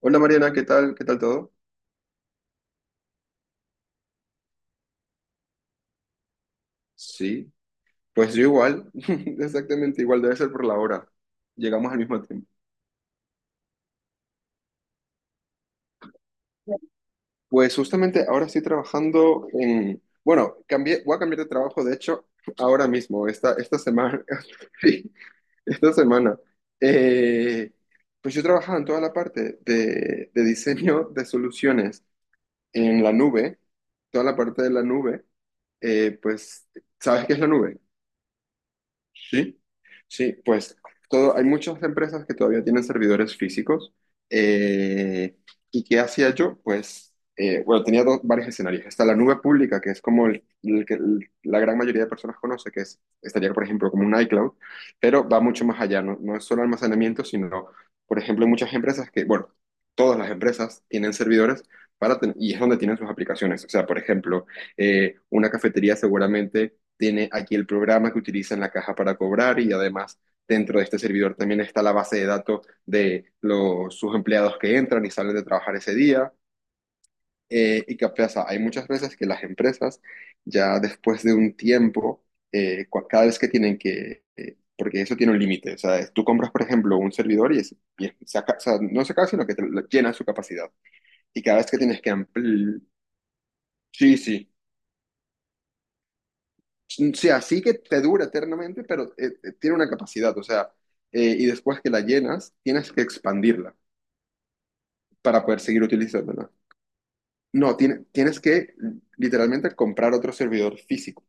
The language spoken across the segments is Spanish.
Hola Mariana, ¿qué tal? ¿Qué tal todo? Sí, pues yo igual, exactamente igual, debe ser por la hora. Llegamos al mismo tiempo. Pues justamente ahora estoy trabajando en. Bueno, cambié, voy a cambiar de trabajo, de hecho, ahora mismo, esta semana. Sí, esta semana. Eh, pues yo trabajaba en toda la parte de diseño de soluciones en la nube, toda la parte de la nube. Eh, pues, ¿Sabes qué es la nube? Sí, sí, pues todo, hay muchas empresas que todavía tienen servidores físicos. eh, ¿Y qué hacía yo? Pues, bueno, tenía varios escenarios. Está la nube pública, que es como el que la gran mayoría de personas conoce, que es, estaría, por ejemplo, como un iCloud, pero va mucho más allá, no, no es solo almacenamiento, sino, por ejemplo, hay muchas empresas que, bueno, todas las empresas tienen servidores y es donde tienen sus aplicaciones. O sea, por ejemplo, una cafetería seguramente tiene aquí el programa que utiliza en la caja para cobrar y además dentro de este servidor también está la base de datos de los, sus empleados que entran y salen de trabajar ese día. Y qué pasa, hay muchas veces que las empresas ya después de un tiempo, cada vez que tienen que, porque eso tiene un límite, o sea, tú compras, por ejemplo, un servidor o sea, no se acaba, sino que llena su capacidad. Y cada vez que tienes que ampliar, sí, sí, sí, así que te dura eternamente, pero tiene una capacidad, o sea, y después que la llenas, tienes que expandirla para poder seguir utilizándola. No, tienes que literalmente comprar otro servidor físico,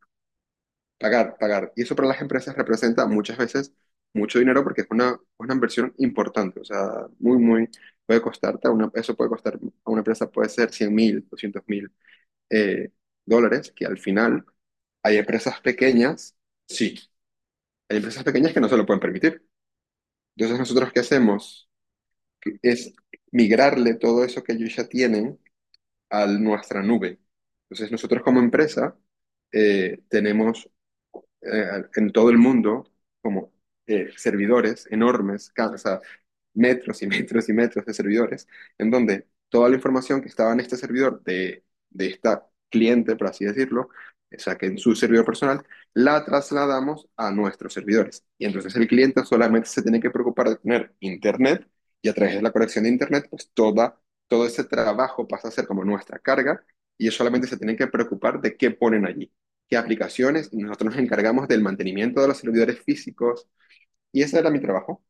pagar, pagar. Y eso para las empresas representa muchas veces mucho dinero porque es una inversión importante, o sea, muy, muy, puede costarte, a una, eso puede costar a una empresa, puede ser 100.000, 200.000 eh, dólares, que al final hay empresas pequeñas. Sí, hay empresas pequeñas que no se lo pueden permitir. Entonces, nosotros qué hacemos es migrarle todo eso que ellos ya tienen a nuestra nube. Entonces, nosotros como empresa tenemos en todo el mundo como servidores enormes, o sea, metros y metros y metros de servidores, en donde toda la información que estaba en este servidor de esta cliente, por así decirlo, o sea, que en su servidor personal, la trasladamos a nuestros servidores. Y entonces el cliente solamente se tiene que preocupar de tener internet y a través de la conexión de internet, pues toda, todo ese trabajo pasa a ser como nuestra carga y ellos solamente se tienen que preocupar de qué ponen allí, qué aplicaciones, y nosotros nos encargamos del mantenimiento de los servidores físicos y ese era mi trabajo,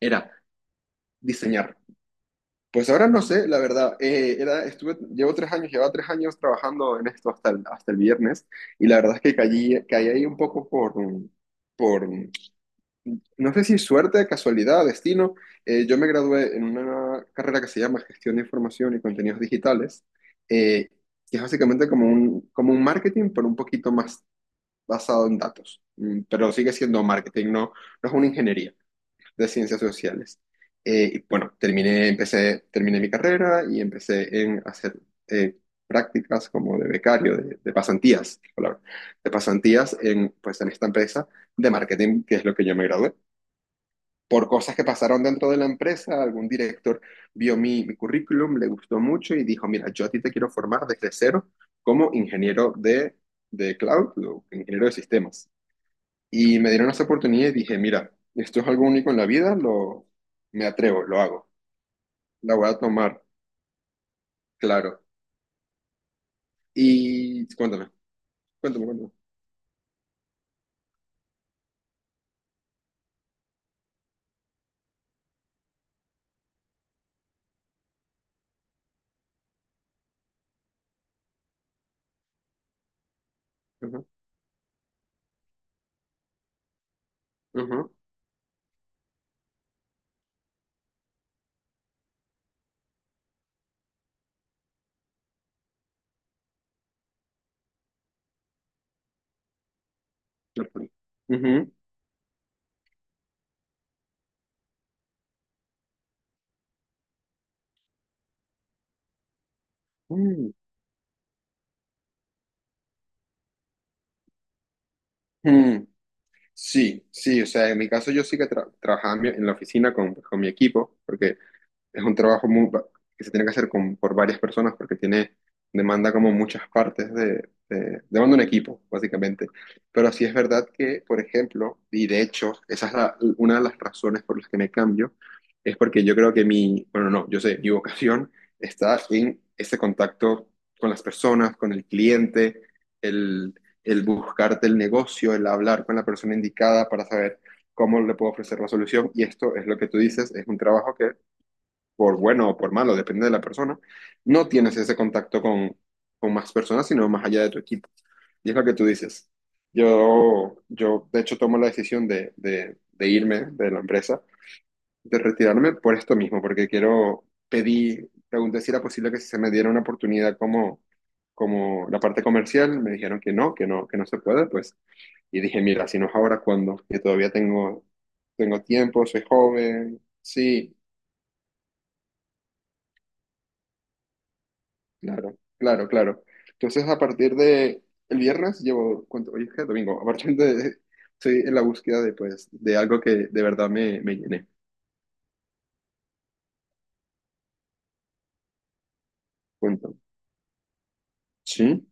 era diseñar pues ahora no sé, la verdad. Era, estuve, llevo 3 años, llevaba 3 años trabajando en esto hasta el viernes y la verdad es que caí ahí un poco por, no sé si suerte, casualidad, destino. Yo me gradué en una carrera que se llama Gestión de Información y Contenidos Digitales, eh, que es básicamente como un marketing, pero un poquito más basado en datos. Pero sigue siendo marketing, no, no es una ingeniería de ciencias sociales. Y bueno, terminé, empecé, terminé mi carrera y empecé en hacer eh, prácticas como de becario, de pasantías, es la palabra, de pasantías en, pues, en esta empresa de marketing, que es lo que yo me gradué. Por cosas que pasaron dentro de la empresa, algún director vio mi currículum, le gustó mucho y dijo, mira, yo a ti te quiero formar desde cero como ingeniero de cloud, o ingeniero de sistemas. Y me dieron esa oportunidad y dije, mira, esto es algo único en la vida, lo, me atrevo, lo hago, la voy a tomar, claro. Y cuéntame, cuéntame, cuéntame. Ujú, ujú, ujú, ujú. Mm, mm. Sí, sí, o sea, en mi caso yo sí que trabajaba en en la oficina con mi equipo, porque es un trabajo que se tiene que hacer por varias personas porque tiene, demanda como muchas partes demanda un equipo, básicamente. Pero sí es verdad que, por ejemplo, y de hecho, esa es una de las razones por las que me cambio, es porque yo creo que mi, bueno, no, yo sé, mi vocación está en ese contacto con las personas, con el cliente, el, el buscarte el negocio, el hablar con la persona indicada para saber cómo le puedo ofrecer la solución. Y esto es lo que tú dices, es un trabajo que por bueno o por malo, depende de la persona, no tienes ese contacto con más personas, sino más allá de tu equipo. Y es lo que tú dices. Yo de hecho, tomo la decisión de irme de la empresa, de retirarme por esto mismo, porque quiero, pedí, pregunté si era posible que se me diera una oportunidad como la parte comercial, me dijeron que no, que no, que no se puede, pues, y dije, mira, si no es ahora, ¿cuándo? Que todavía tengo, tengo tiempo, soy joven, sí, claro, claro, claro. Entonces, a partir de el viernes llevo, ¿cuánto? Hoy es que domingo. A partir de, estoy en la búsqueda de, pues, de algo que de verdad me llene. Punto. Sí.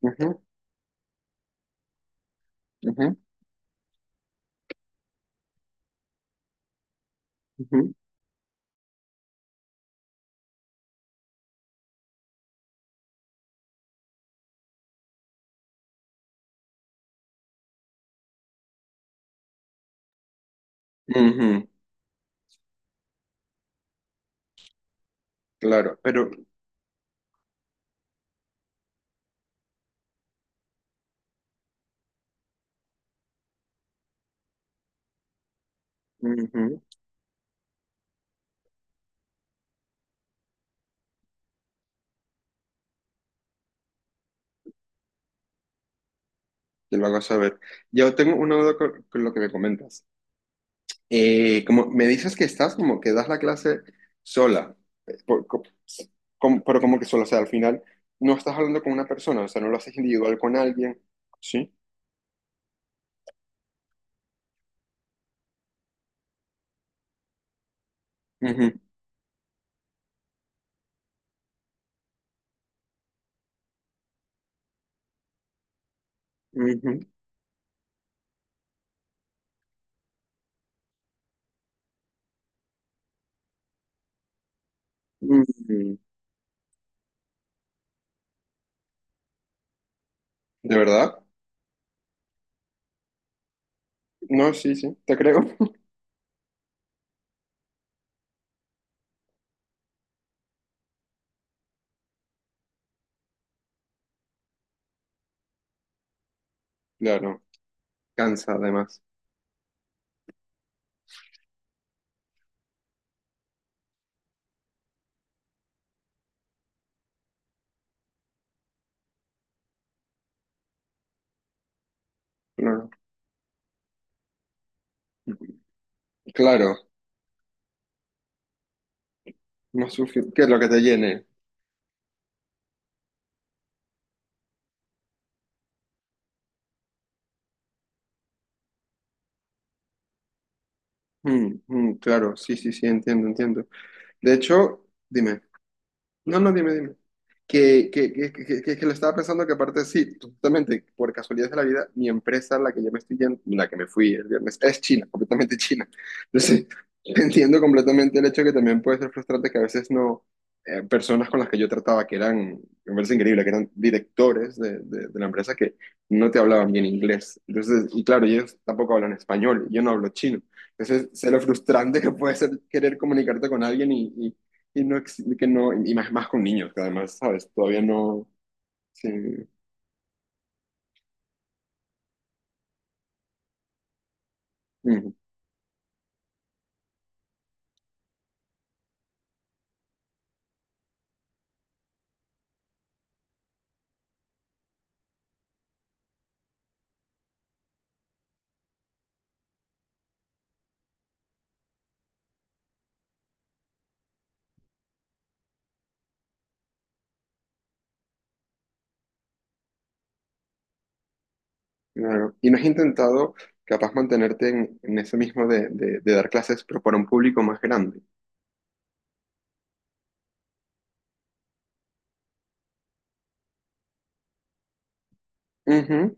Ujú, ujú, ujú, ujú, ujú. Claro, pero, ujú, te lo hago saber. Yo tengo una duda con lo que me comentas. Como me dices que estás como que das la clase sola, eh, por- co- pero como que sola, o sea, al final no estás hablando con una persona, o sea, no lo haces individual con alguien, ¿sí? Ujú, ujú, mm. ¿De verdad? No, sí, sí, te creo. Claro, cansa además. Claro, claro, no sufi- ¿qué es lo que te llene? Mm, mm, claro, sí, sí, sí, entiendo, entiendo. De hecho, dime. No, no, dime, dime. Que lo estaba pensando que aparte sí, justamente por casualidad de la vida, mi empresa, la que yo me estoy yendo, la que me fui el viernes, es China, completamente China. Entonces, entiendo completamente el hecho que también puede ser frustrante que a veces no, personas con las que yo trataba, que eran, me parece increíble, que eran directores de la empresa que no te hablaban bien inglés. Entonces, y claro, ellos tampoco hablan español, yo no hablo chino. Entonces, sé lo frustrante que puede ser querer comunicarte con alguien y no, que no, y más, más con niños, que además, ¿sabes? Todavía no, sí, ujú, claro. Y no has intentado capaz mantenerte en eso mismo de dar clases, pero para un público más grande. Ujú,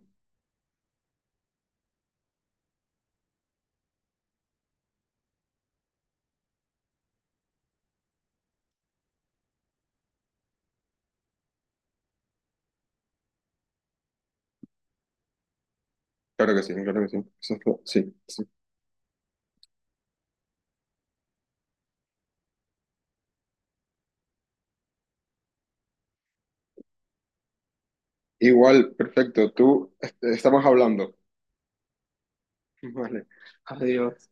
claro que sí, claro que sí. Eso es, sí, sí. Igual, perfecto, tú, estamos hablando. Vale, adiós.